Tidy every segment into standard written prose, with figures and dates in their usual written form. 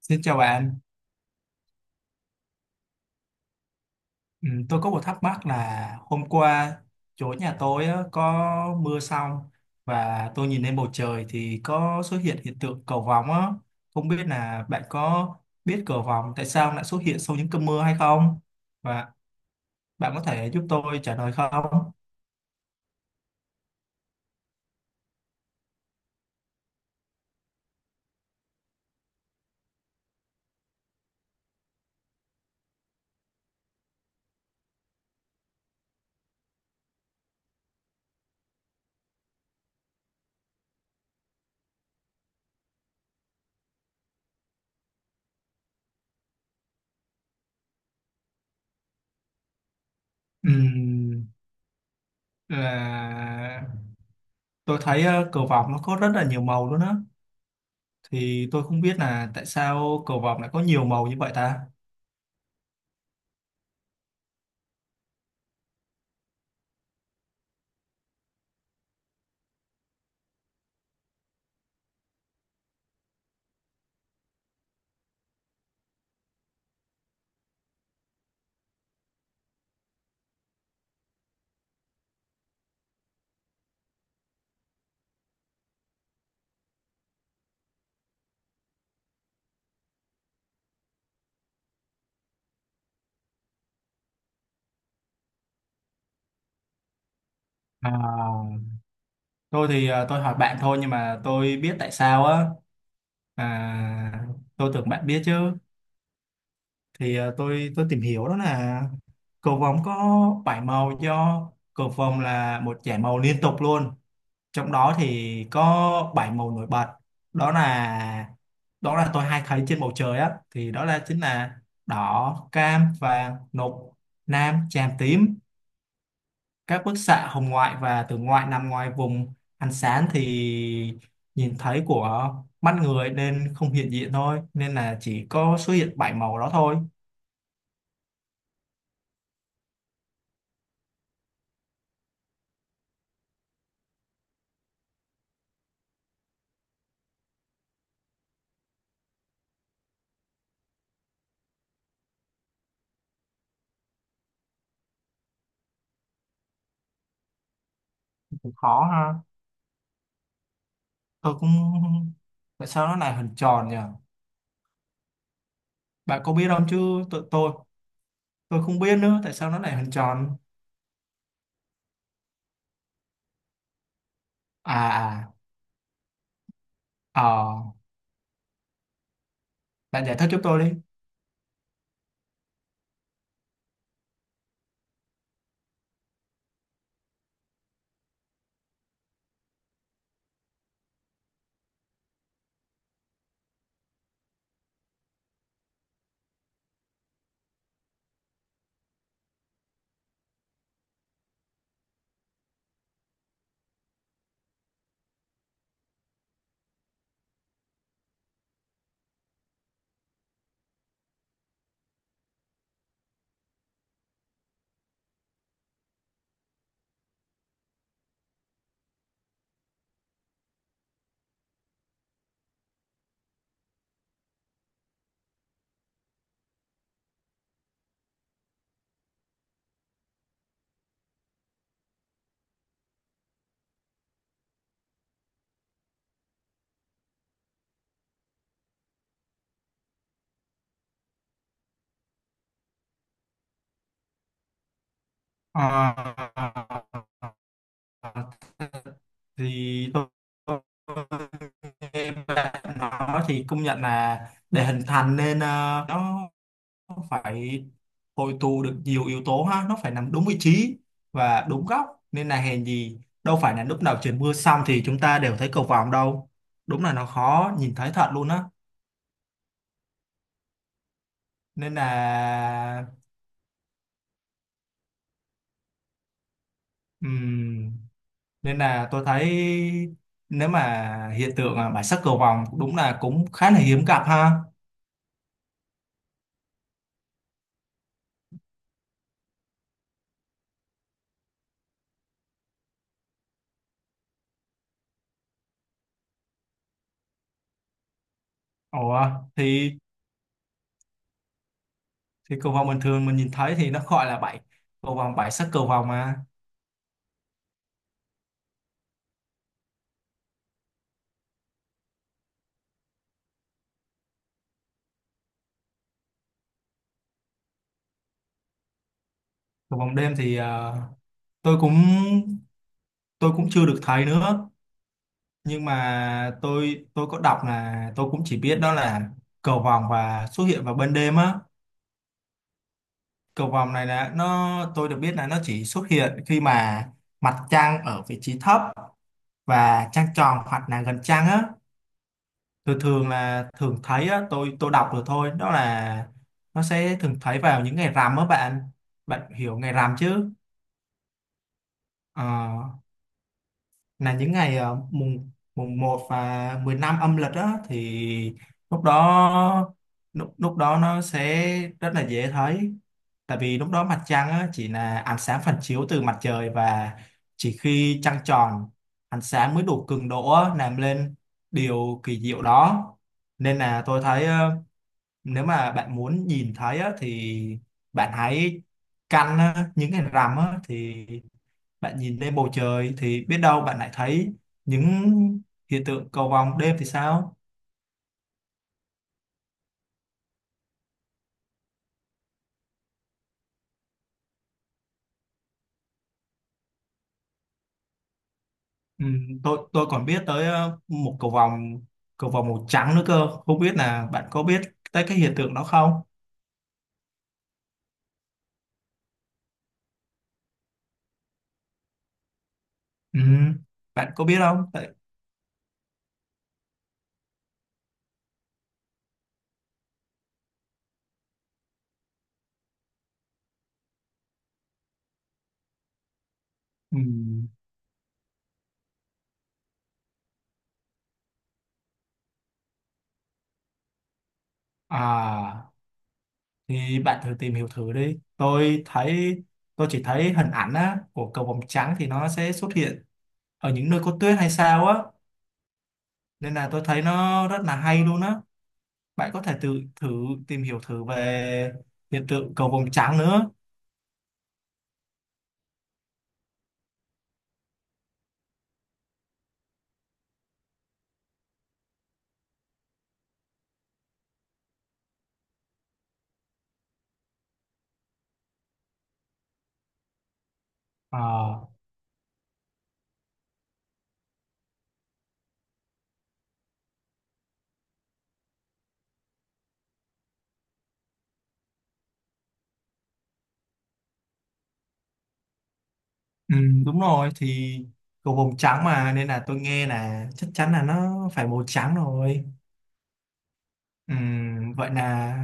Xin chào bạn. Ừ, tôi có một thắc mắc là hôm qua chỗ nhà tôi á, có mưa xong và tôi nhìn lên bầu trời thì có xuất hiện hiện tượng cầu vồng á. Không biết là bạn có biết cầu vồng tại sao lại xuất hiện sau những cơn mưa hay không? Và bạn có thể giúp tôi trả lời không? Ừm, là tôi thấy cầu vồng nó có rất là nhiều màu luôn á, thì tôi không biết là tại sao cầu vồng lại có nhiều màu như vậy ta? À, thôi thì tôi hỏi bạn thôi nhưng mà tôi biết tại sao á. à, tôi tưởng bạn biết chứ. Thì tôi tìm hiểu đó là cầu vồng có bảy màu, do cầu vồng là một dải màu liên tục luôn, trong đó thì có bảy màu nổi bật. đó là Đó là tôi hay thấy trên bầu trời á, thì đó là chính là đỏ, cam, vàng, lục, lam, chàm, tím. Các bức xạ hồng ngoại và tử ngoại nằm ngoài vùng ánh sáng thì nhìn thấy của mắt người nên không hiện diện thôi, nên là chỉ có xuất hiện bảy màu đó thôi. Cũng khó ha, tôi cũng, tại sao nó lại hình tròn nhỉ? Bạn có biết không chứ? Tụi Tôi không biết nữa tại sao nó lại hình tròn. À. À, ờ, bạn giải thích giúp tôi đi. Ờ, thì tôi, nghe bạn nói thì công nhận là để hình thành nên nó phải hội tụ được nhiều yếu tố ha, nó phải nằm đúng vị trí và đúng góc. Nên là hèn gì đâu phải là lúc nào trời mưa xong thì chúng ta đều thấy cầu vồng đâu, đúng là nó khó nhìn thấy thật luôn á. Nên là ừm, nên là tôi thấy nếu mà hiện tượng bản sắc cầu vồng đúng là cũng khá là hiếm gặp ha. Ủa, thì thì cầu vồng bình thường mình nhìn thấy thì nó gọi là bảy, cầu vồng bảy sắc cầu vồng mà. Cầu vồng đêm thì tôi cũng, tôi cũng chưa được thấy nữa, nhưng mà tôi có đọc là, tôi cũng chỉ biết đó là cầu vồng và xuất hiện vào ban đêm á. Cầu vồng này là nó, tôi được biết là nó chỉ xuất hiện khi mà mặt trăng ở vị trí thấp và trăng tròn hoặc là gần trăng á. Tôi thường là thường thấy á, tôi đọc được thôi, đó là nó sẽ thường thấy vào những ngày rằm á bạn. Bạn hiểu ngày rằm chứ? Ờ, là những ngày mùng mùng một và 15 âm lịch á, thì lúc đó, lúc đó nó sẽ rất là dễ thấy. Tại vì lúc đó mặt trăng á, chỉ là ánh sáng phản chiếu từ mặt trời, và chỉ khi trăng tròn, ánh sáng mới đủ cường độ á, làm lên điều kỳ diệu đó. Nên là tôi thấy nếu mà bạn muốn nhìn thấy á, thì bạn hãy căn á, những cái rằm á, thì bạn nhìn lên bầu trời thì biết đâu bạn lại thấy những hiện tượng cầu vồng đêm thì sao. Ừ, tôi còn biết tới một cầu vồng, cầu vồng màu trắng nữa cơ, không biết là bạn có biết tới cái hiện tượng đó không? Ừ, bạn có biết không? Tại- ừ, à thì bạn thử tìm hiểu thử đi. Tôi thấy, tôi chỉ thấy hình ảnh á, của cầu vồng trắng thì nó sẽ xuất hiện ở những nơi có tuyết hay sao á. Nên là tôi thấy nó rất là hay luôn á. Bạn có thể tự thử tìm hiểu thử về hiện tượng cầu vồng trắng nữa. Ờ, ừ, đúng rồi, thì cầu vồng trắng mà, nên là tôi nghe là chắc chắn là nó phải màu trắng rồi. Ừ, vậy là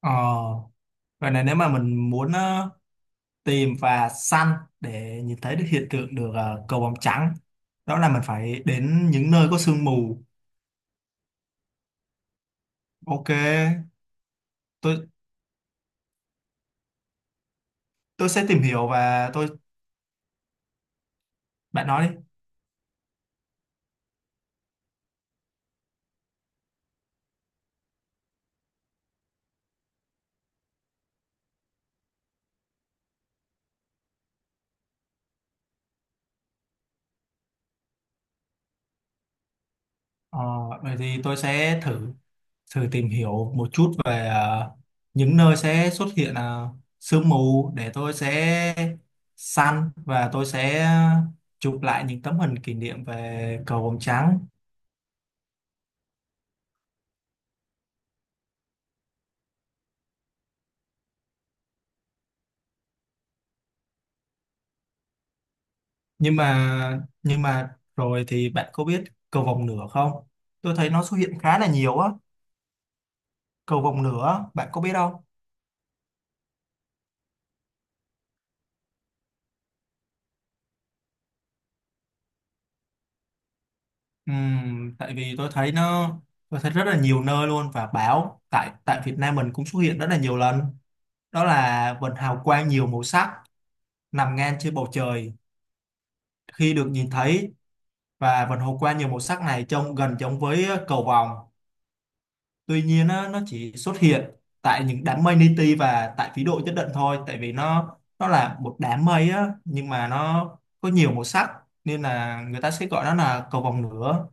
ờ, vậy là nếu mà mình muốn tìm và săn để nhìn thấy được hiện tượng, được cầu vồng trắng, đó là mình phải đến những nơi có sương mù. Ok, tôi tôi sẽ tìm hiểu và tôi, bạn nói đi. Ờ, vậy thì tôi sẽ thử, thử tìm hiểu một chút về những nơi sẽ xuất hiện sương mù, để tôi sẽ săn và tôi sẽ chụp lại những tấm hình kỷ niệm về cầu vồng trắng. Nhưng mà rồi thì bạn có biết cầu vồng nửa không? Tôi thấy nó xuất hiện khá là nhiều á. Cầu vồng nửa, bạn có biết không? Tại vì tôi thấy nó, tôi thấy rất là nhiều nơi luôn, và báo tại tại Việt Nam mình cũng xuất hiện rất là nhiều lần. Đó là vần hào quang nhiều màu sắc nằm ngang trên bầu trời khi được nhìn thấy, và vần hào quang nhiều màu sắc này trông gần giống với cầu vồng. Tuy nhiên á, nó chỉ xuất hiện tại những đám mây li ti và tại phí độ nhất định thôi, tại vì nó là một đám mây á, nhưng mà nó có nhiều màu sắc, nên là người ta sẽ gọi nó là cầu vồng lửa.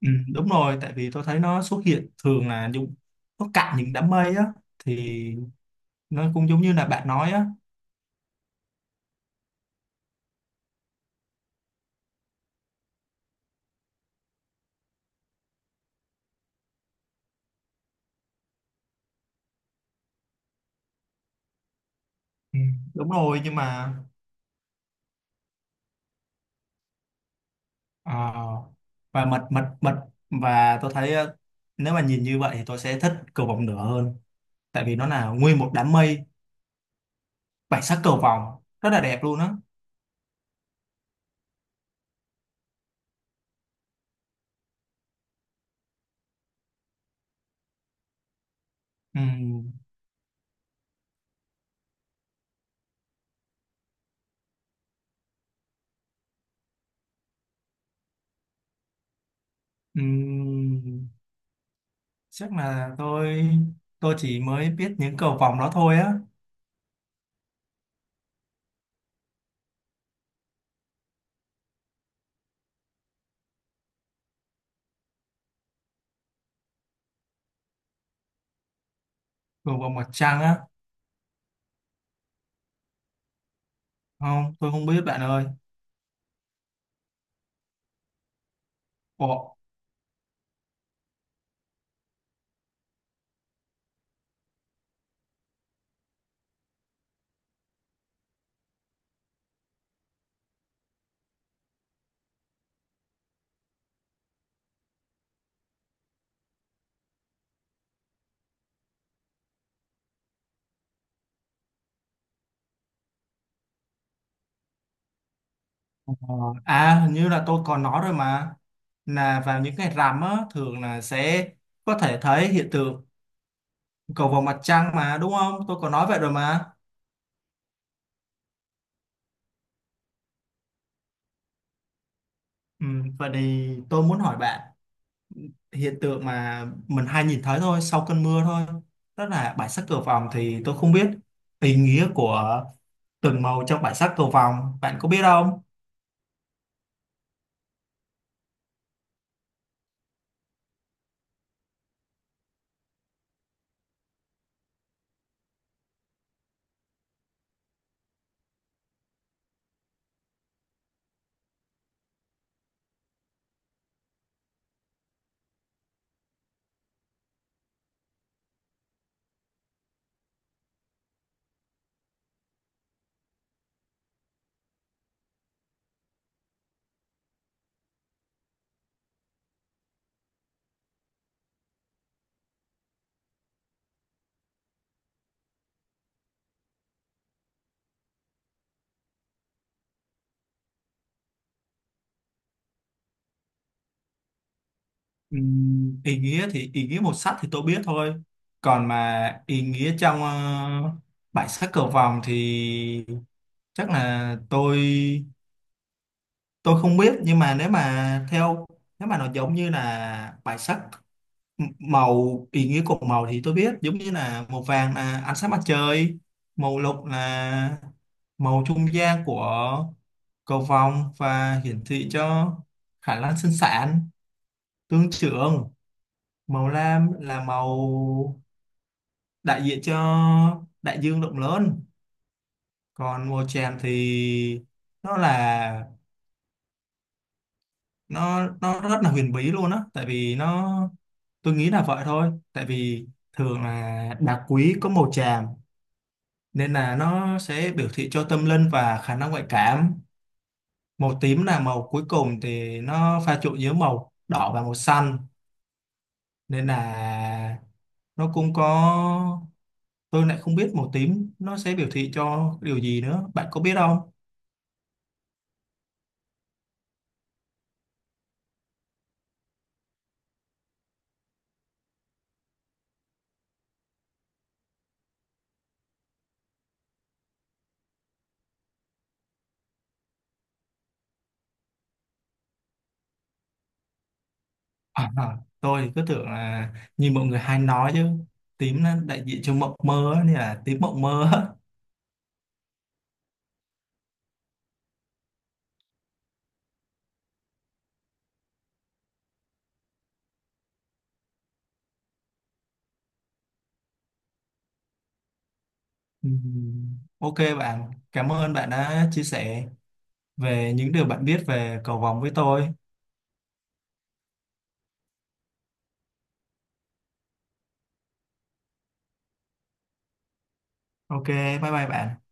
Ừ, đúng rồi, tại vì tôi thấy nó xuất hiện thường là dùng, nó cạn những đám mây á, thì nó cũng giống như là bạn nói á. Ừ, đúng rồi nhưng mà, ờ, và mật mật mật và tôi thấy nếu mà nhìn như vậy thì tôi sẽ thích cầu vồng lửa hơn, tại vì nó là nguyên một đám mây bảy sắc cầu vồng rất là đẹp luôn á. Ừm, ừm, Chắc là tôi chỉ mới biết những cầu vồng đó thôi á. Cầu vồng mặt trăng á, không, tôi không biết bạn ơi. Ồ, ờ, à hình như là tôi còn nói rồi mà, là vào những ngày rằm á thường là sẽ có thể thấy hiện tượng cầu vồng mặt trăng mà, đúng không? Tôi còn nói vậy rồi mà. Ừ, vậy thì tôi muốn hỏi bạn, hiện tượng mà mình hay nhìn thấy thôi sau cơn mưa thôi, đó là bãi sắc cầu vồng, thì tôi không biết ý nghĩa của từng màu trong bãi sắc cầu vồng, bạn có biết không? Ừ, ý nghĩa thì, ý nghĩa màu sắc thì tôi biết thôi, còn mà ý nghĩa trong bãi sắc cầu vồng thì chắc là tôi không biết. Nhưng mà nếu mà theo, nếu mà nó giống như là bãi sắc, M- màu, ý nghĩa của màu thì tôi biết, giống như là màu vàng là ánh sáng mặt trời, màu lục là màu trung gian của cầu vồng và hiển thị cho khả năng sinh sản, tương trưởng. Màu lam là màu đại diện cho đại dương rộng lớn. Còn màu chàm thì nó là, nó rất là huyền bí luôn á, tại vì nó, tôi nghĩ là vậy thôi, tại vì thường là đá quý có màu chàm, nên là nó sẽ biểu thị cho tâm linh và khả năng ngoại cảm. Màu tím là màu cuối cùng, thì nó pha trộn giữa màu đỏ và màu xanh, nên là nó cũng có, tôi lại không biết màu tím nó sẽ biểu thị cho điều gì nữa, bạn có biết không? À, à, tôi thì cứ tưởng là như mọi người hay nói chứ, tím nó đại diện cho mộng mơ á, nên là tím mộng mơ á. Ok bạn, cảm ơn bạn đã chia sẻ về những điều bạn biết về cầu vồng với tôi. Ok, bye bye bạn.